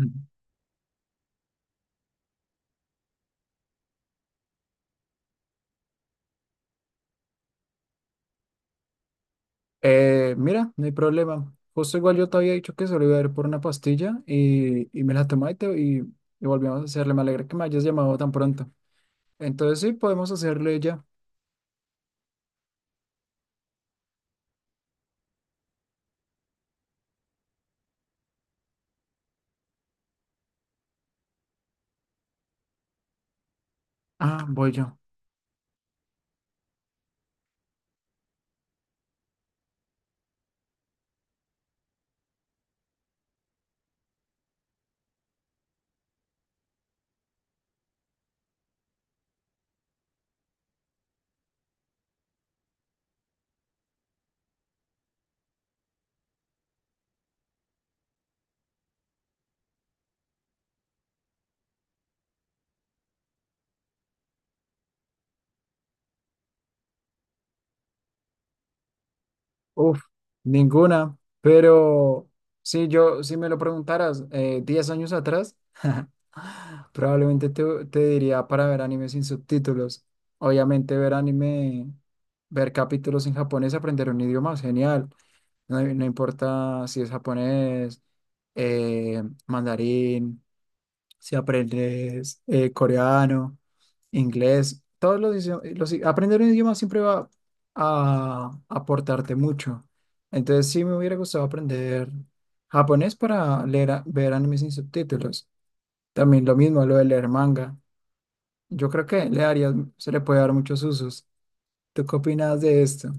Mm. Mira, no hay problema. Justo igual yo te había dicho que solo iba a ir por una pastilla y me la tomé y, y volvimos a hacerle. Me alegra que me hayas llamado tan pronto. Entonces sí, podemos hacerle ya. Ah, voy yo. Uf, ninguna. Pero si me lo preguntaras 10 años atrás, probablemente te diría para ver anime sin subtítulos. Obviamente ver anime, ver capítulos en japonés, aprender un idioma, genial. No, no importa si es japonés, mandarín, si aprendes coreano, inglés, aprender un idioma siempre va a aportarte mucho. Entonces sí me hubiera gustado aprender japonés para leer, ver animes sin subtítulos. También lo mismo, lo de leer manga. Yo creo que se le puede dar muchos usos. ¿Tú qué opinas de esto?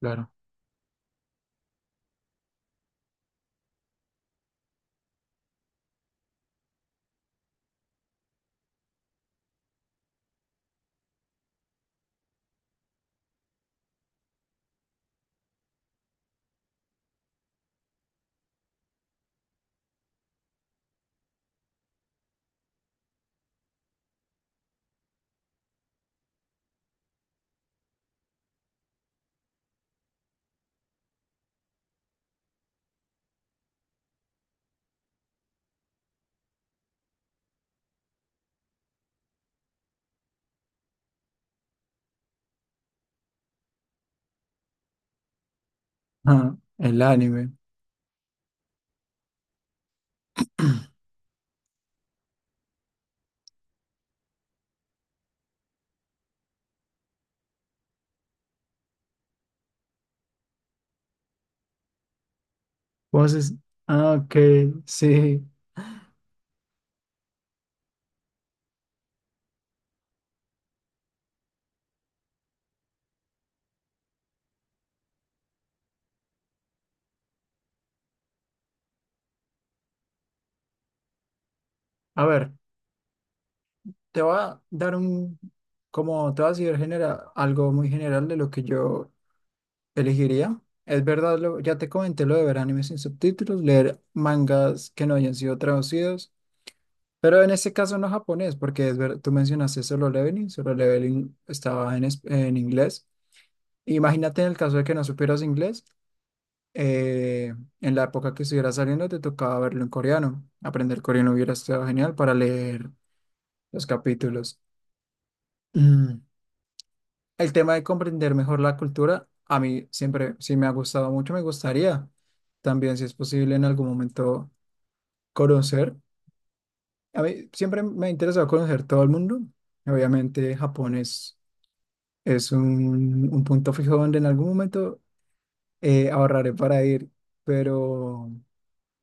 Claro. Ah, el anime. Vos es- Ah, ok, sí. A ver, te voy a dar un, como te voy a decir genera, algo muy general de lo que yo elegiría. Es verdad, ya te comenté lo de ver animes sin subtítulos, leer mangas que no hayan sido traducidos, pero en este caso no japonés, porque es ver, tú mencionaste Solo Leveling, Solo Leveling estaba en inglés. Imagínate en el caso de que no supieras inglés, eh, en la época que estuviera saliendo te tocaba verlo en coreano. Aprender coreano hubiera estado genial para leer los capítulos. Mm. El tema de comprender mejor la cultura, a mí siempre sí me ha gustado mucho, me gustaría también, si es posible, en algún momento conocer. A mí siempre me ha interesado conocer todo el mundo. Obviamente, es un punto fijo donde en algún momento ahorraré para ir, pero,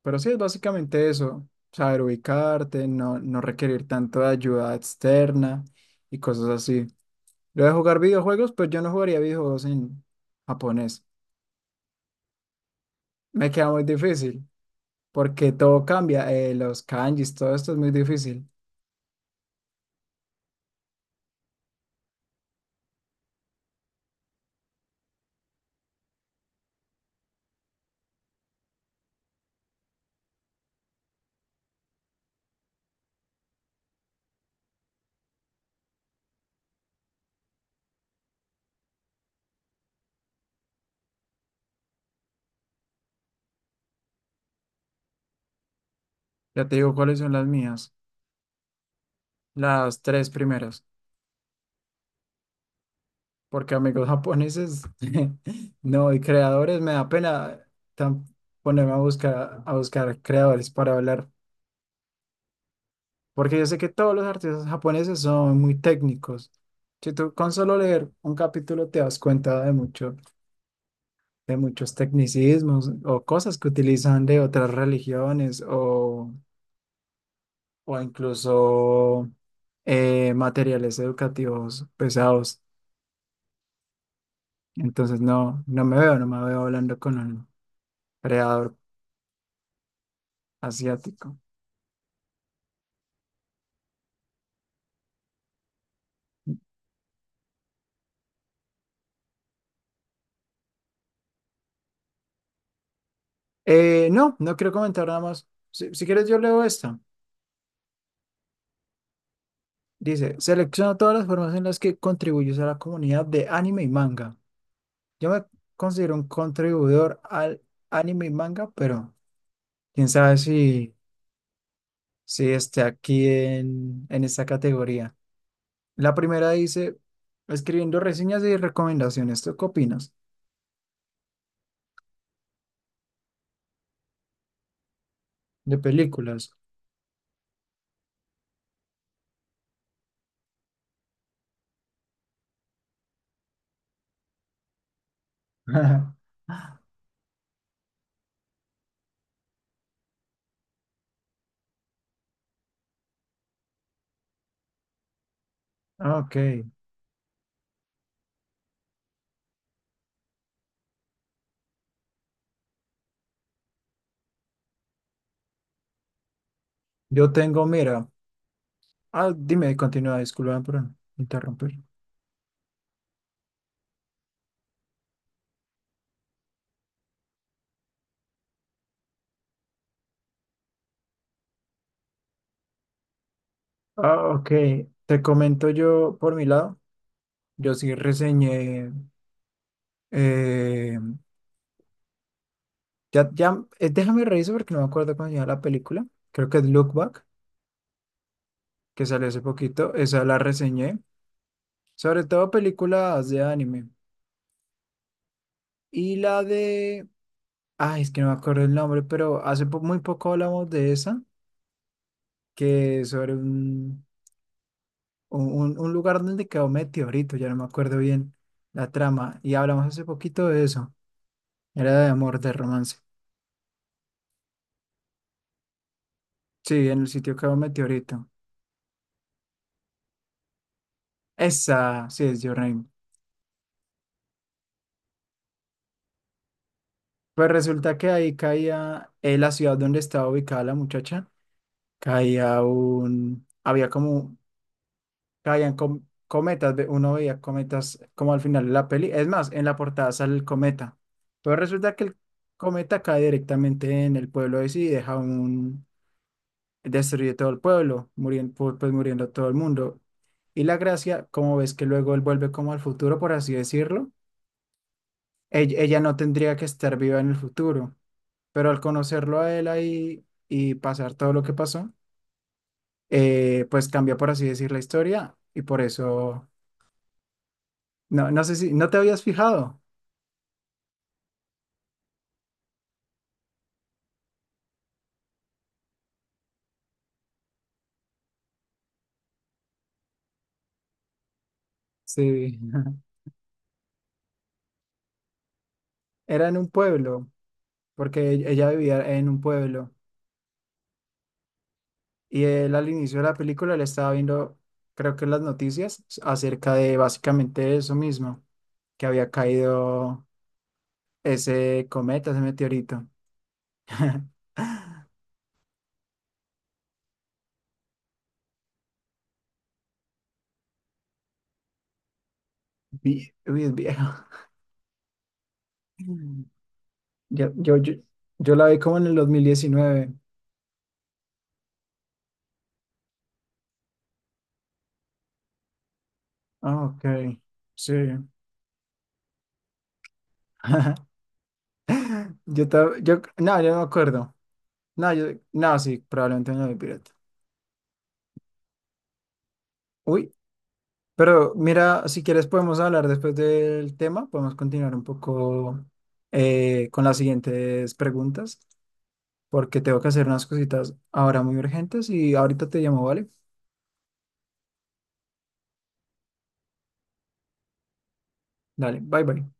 pero sí es básicamente eso, saber ubicarte, no, no requerir tanto de ayuda externa y cosas así. Yo de jugar videojuegos, pues yo no jugaría videojuegos en japonés. Me queda muy difícil, porque todo cambia. Los kanjis, todo esto es muy difícil. Ya te digo cuáles son las mías, las tres primeras, porque amigos japoneses, no, y creadores, me da pena tan- ponerme a buscar creadores para hablar, porque yo sé que todos los artistas japoneses son muy técnicos. Si tú con solo leer un capítulo te das cuenta de mucho. De muchos tecnicismos o cosas que utilizan de otras religiones o incluso materiales educativos pesados. Entonces no, no me veo hablando con un creador asiático. No, no quiero comentar nada más. Si quieres yo leo esto. Dice, selecciona todas las formas en las que contribuyes a la comunidad de anime y manga. Yo me considero un contribuidor al anime y manga, pero quién sabe si... Sí, está aquí en esta categoría. La primera dice, escribiendo reseñas y recomendaciones. ¿Tú qué opinas? De películas. Ah, ok. Yo tengo, mira. Ah, dime, continúa, disculpa por interrumpir. Ah, ok. Te comento yo por mi lado. Yo sí reseñé. eh, ya, Déjame revisar porque no me acuerdo cómo se llama la película. Creo que es Look Back, que salió hace poquito. Esa la reseñé. Sobre todo películas de anime. Y la de... Ay, es que no me acuerdo el nombre, pero muy poco hablamos de esa, que es sobre un lugar donde quedó meteorito, ya no me acuerdo bien la trama. Y hablamos hace poquito de eso. Era de amor, de romance. Sí, en el sitio quedó meteorito. Esa, sí, es Your Name. Pues resulta que ahí caía, en la ciudad donde estaba ubicada la muchacha, caía un... Había como cometas, uno veía cometas como al final de la peli. Es más, en la portada sale el cometa. Pero resulta que el cometa cae directamente en el pueblo de sí y deja un... destruye todo el pueblo, muriendo, pues muriendo todo el mundo. Y la gracia, como ves que luego él vuelve como al futuro, por así decirlo, ella no tendría que estar viva en el futuro, pero al conocerlo a él ahí y pasar todo lo que pasó, pues cambia, por así decir, la historia y por eso no, no sé si, ¿no te habías fijado? Sí, era en un pueblo, porque ella vivía en un pueblo y él al inicio de la película le estaba viendo, creo que acerca de básicamente eso mismo, que había caído ese cometa, ese meteorito. Uy, es viejo. Mm. Yo, yo, yo, yo la vi como en el 2019. Ah, ok, sí. Yo no me acuerdo. No, yo, no, Sí, probablemente no vi pirata. Uy, pero mira, si quieres podemos hablar después del tema, podemos continuar un poco con las siguientes preguntas, porque tengo que hacer unas cositas ahora muy urgentes y ahorita te llamo, ¿vale? Dale, bye bye.